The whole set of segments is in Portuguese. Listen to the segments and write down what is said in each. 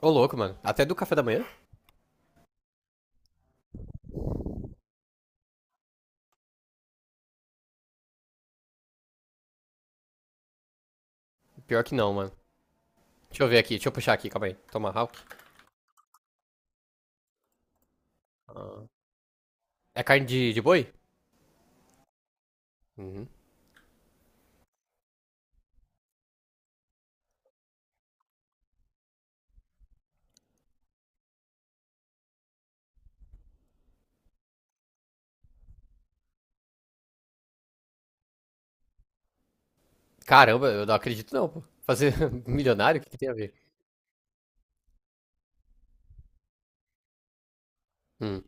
Ô, louco, mano. Até do café da manhã? Pior que não, mano. Deixa eu ver aqui, deixa eu puxar aqui, calma aí. Tomahawk. É carne de boi? Uhum. Caramba, eu não acredito não, pô. Fazer milionário, o que, que tem a ver? Hum.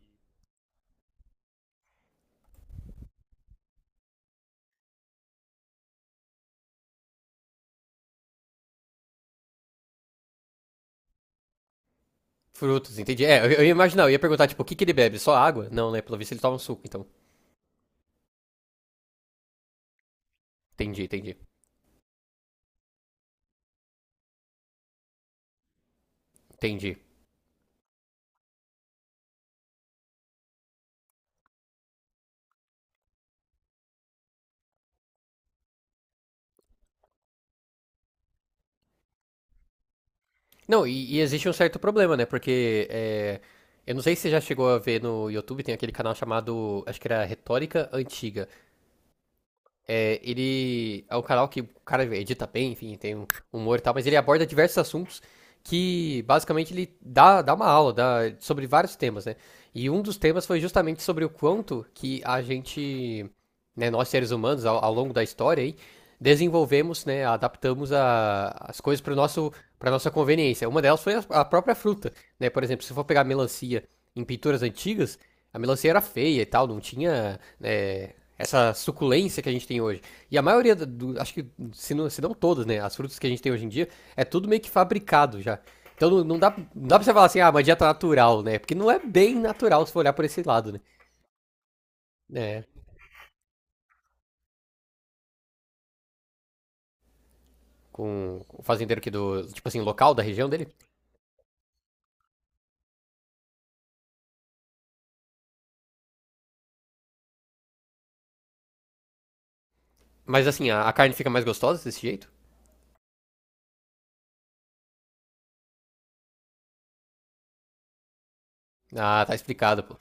Frutos, entendi. É, eu ia imaginar, eu ia perguntar, tipo, o que, que ele bebe? Só água? Não, né? Pelo visto ele toma um suco, então. Entendi, entendi. Entendi. Não, e existe um certo problema, né? Porque é, eu não sei se você já chegou a ver no YouTube, tem aquele canal chamado, acho que era Retórica Antiga. É, ele é um canal que o cara edita bem, enfim, tem um humor e tal, mas ele aborda diversos assuntos que basicamente ele dá, dá uma aula dá, sobre vários temas, né? E um dos temas foi justamente sobre o quanto que a gente, né, nós seres humanos, ao longo da história aí, desenvolvemos, né, adaptamos as coisas para nosso para nossa conveniência. Uma delas foi a própria fruta, né? Por exemplo, se for pegar melancia em pinturas antigas, a melancia era feia e tal, não tinha, né, essa suculência que a gente tem hoje. E a maioria, do, acho que se não todas, né, as frutas que a gente tem hoje em dia, é tudo meio que fabricado já. Então não, não dá pra você falar assim, ah, uma dieta natural, né? Porque não é bem natural se for olhar por esse lado, né? É, com o fazendeiro aqui do, tipo assim, local da região dele. Mas assim, a carne fica mais gostosa desse jeito? Ah, tá explicado, pô.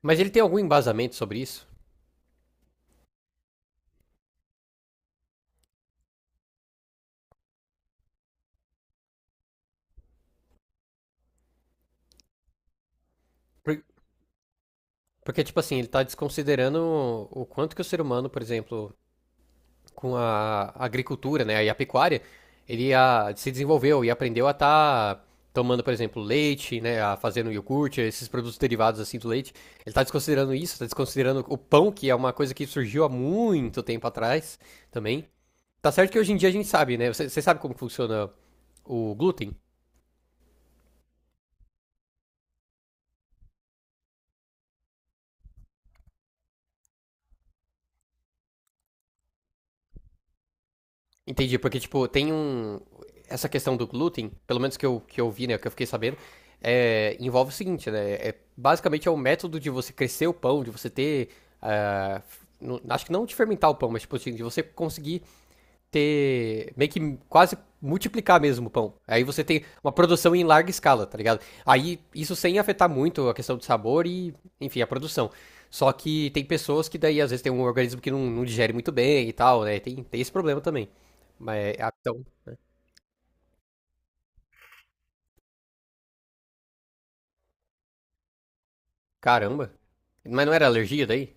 Mas ele tem algum embasamento sobre isso? Por- Porque, tipo assim, ele tá desconsiderando o quanto que o ser humano, por exemplo, com a agricultura, né, e a pecuária, ele se desenvolveu e aprendeu a estar tomando, por exemplo, leite, né, a fazendo iogurte, esses produtos derivados assim do leite. Ele está desconsiderando isso, está desconsiderando o pão, que é uma coisa que surgiu há muito tempo atrás também. Tá certo que hoje em dia a gente sabe, né? Você sabe como funciona o glúten? Entendi, porque, tipo, tem um. Essa questão do glúten, pelo menos que que eu vi, né, que eu fiquei sabendo, é, envolve o seguinte, né? É, basicamente é o método de você crescer o pão, de você ter. Acho que não de fermentar o pão, mas, tipo, assim, de você conseguir ter. Meio que quase multiplicar mesmo o pão. Aí você tem uma produção em larga escala, tá ligado? Aí isso sem afetar muito a questão do sabor e, enfim, a produção. Só que tem pessoas que daí às vezes tem um organismo que não, não digere muito bem e tal, né? Tem esse problema também. Mas, é, ah, então, caramba. Mas não era alergia daí?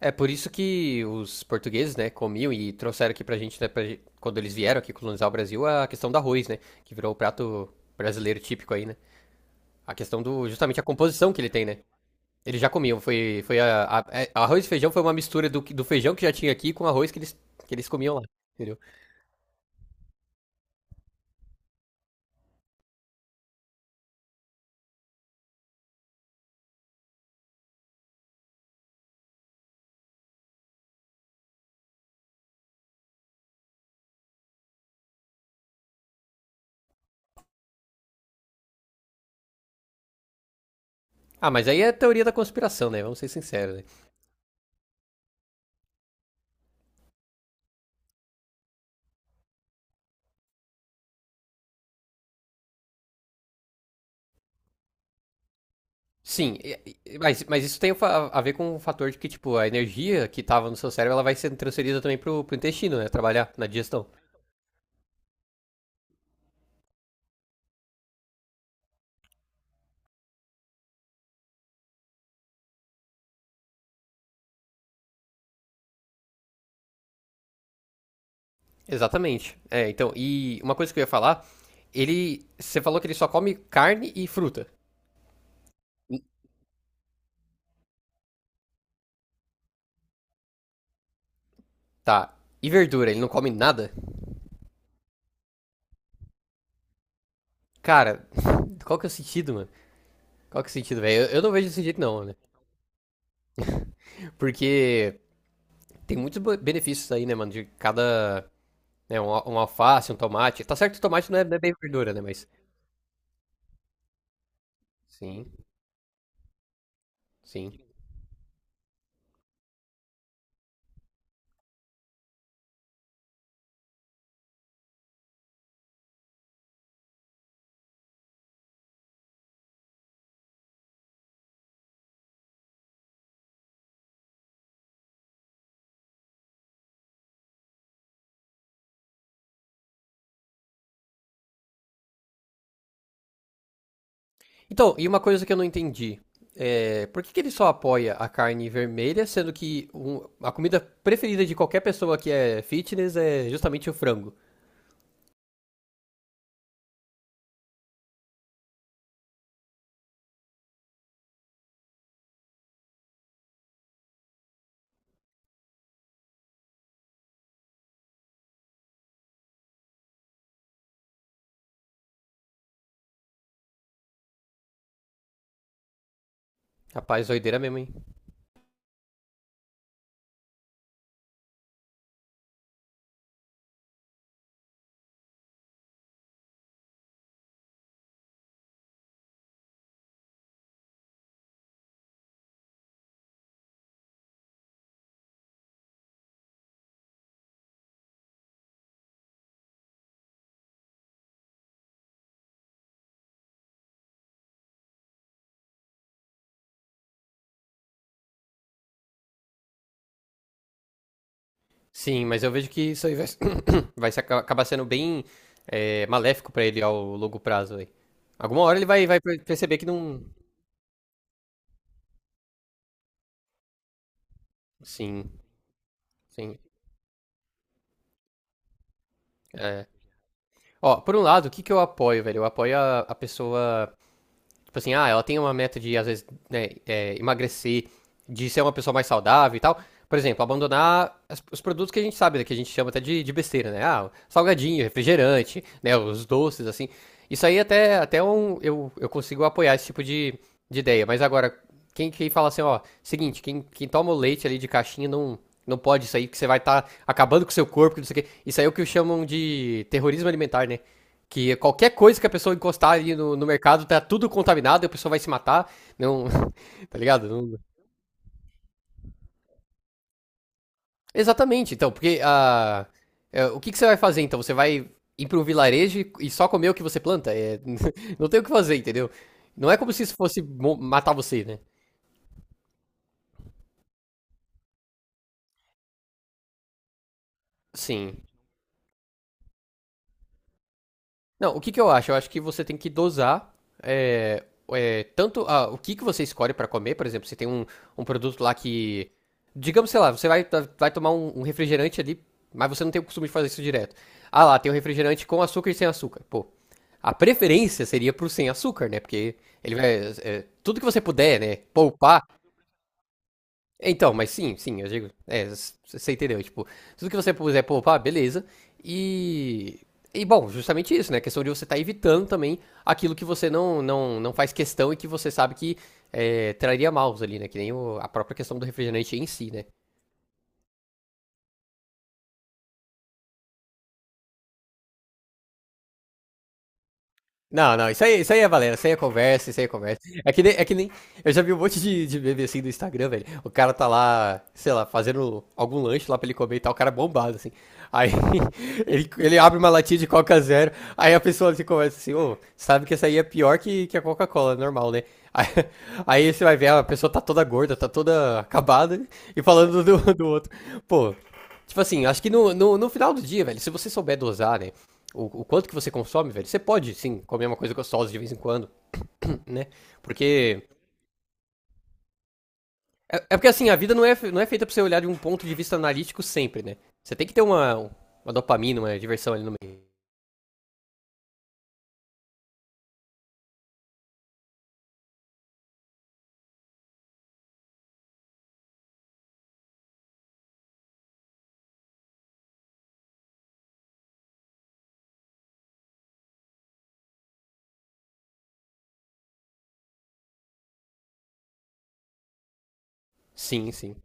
É por isso que os portugueses, né, comiam e trouxeram aqui pra gente, né, quando eles vieram aqui colonizar o Brasil, a questão do arroz, né, que virou o prato brasileiro típico aí, né? A questão do, justamente a composição que ele tem, né? Ele já comia foi, foi arroz e feijão foi uma mistura do, do feijão que já tinha aqui com arroz que eles comiam lá, entendeu? Ah, mas aí é teoria da conspiração, né? Vamos ser sinceros, né? Sim, mas isso tem a ver com o fator de que, tipo, a energia que tava no seu cérebro, ela vai sendo transferida também pro, pro intestino, né? Trabalhar na digestão. Exatamente. É, então, e uma coisa que eu ia falar, ele, você falou que ele só come carne e fruta, tá? E verdura, ele não come nada? Cara, qual que é o sentido, mano? Qual que é o sentido, velho? Eu não vejo desse jeito, não, né? Porque tem muitos benefícios aí, né, mano? De cada. Né, um, um alface, um tomate. Tá certo que o tomate não é, não é bem verdura, né? Mas. Sim, sim. Então, e uma coisa que eu não entendi. É, por que que ele só apoia a carne vermelha, sendo que a comida preferida de qualquer pessoa que é fitness é justamente o frango? Rapaz, doideira mesmo, hein? Sim, mas eu vejo que isso aí vai, vai acabar sendo bem é, maléfico pra ele ao longo prazo aí. Alguma hora ele vai, perceber que não. Sim, sim. É. Ó, por um lado, o que que eu apoio, velho? Eu apoio a pessoa. Tipo assim, ah, ela tem uma meta de, às vezes, né, é, emagrecer, de ser uma pessoa mais saudável e tal. Por exemplo, abandonar os produtos que a gente sabe, né, que a gente chama até de besteira, né? Ah, salgadinho, refrigerante, né, os doces, assim. Isso aí até, até um, eu consigo apoiar esse tipo de ideia. Mas agora, quem fala assim, ó, seguinte, quem toma o leite ali de caixinha não, não pode isso aí, que você vai estar acabando com o seu corpo, que não sei o quê. Isso aí é o que chamam de terrorismo alimentar, né? Que qualquer coisa que a pessoa encostar ali no, no mercado tá tudo contaminado, e a pessoa vai se matar. Não. Tá ligado? Não. Exatamente, então, porque ah, é, o que que você vai fazer então? Você vai ir para um vilarejo e só comer o que você planta? É, não tem o que fazer, entendeu? Não é como se isso fosse matar você, né? Sim. Não, o que que eu acho? Eu acho que você tem que dosar é, é, tanto ah, o que que você escolhe pra comer, por exemplo, você tem um, um produto lá que, digamos, sei lá, você vai, vai tomar um, um refrigerante ali, mas você não tem o costume de fazer isso direto. Ah lá, tem um refrigerante com açúcar e sem açúcar. Pô, a preferência seria pro sem açúcar, né? Porque ele vai, é, tudo que você puder, né, poupar, então, mas sim, sim, eu digo. É, você entendeu? Tipo, tudo que você puder poupar, beleza. E. E bom, justamente isso, né? A questão de você estar evitando também aquilo que você não, não faz questão e que você sabe que é, traria maus ali, né? Que nem a própria questão do refrigerante em si, né? Não, não, isso aí é valendo. Isso aí é conversa, isso aí é conversa. É que nem, eu já vi um monte de meme assim do Instagram, velho. O cara tá lá, sei lá, fazendo algum lanche lá pra ele comer e tal, o cara é bombado, assim. Aí ele abre uma latinha de Coca Zero, aí a pessoa se conversa assim, ô, sabe que essa aí é pior que a Coca-Cola, normal, né? Aí, aí você vai ver, a pessoa tá toda gorda, tá toda acabada, né? E falando do, do outro. Pô, tipo assim, acho que no, no, no final do dia, velho, se você souber dosar, né? O quanto que você consome, velho, você pode, sim, comer uma coisa gostosa de vez em quando, né? Porque. É, é porque assim, a vida não é, não é feita pra você olhar de um ponto de vista analítico sempre, né? Você tem que ter uma dopamina, uma diversão ali no meio. Sim, sim.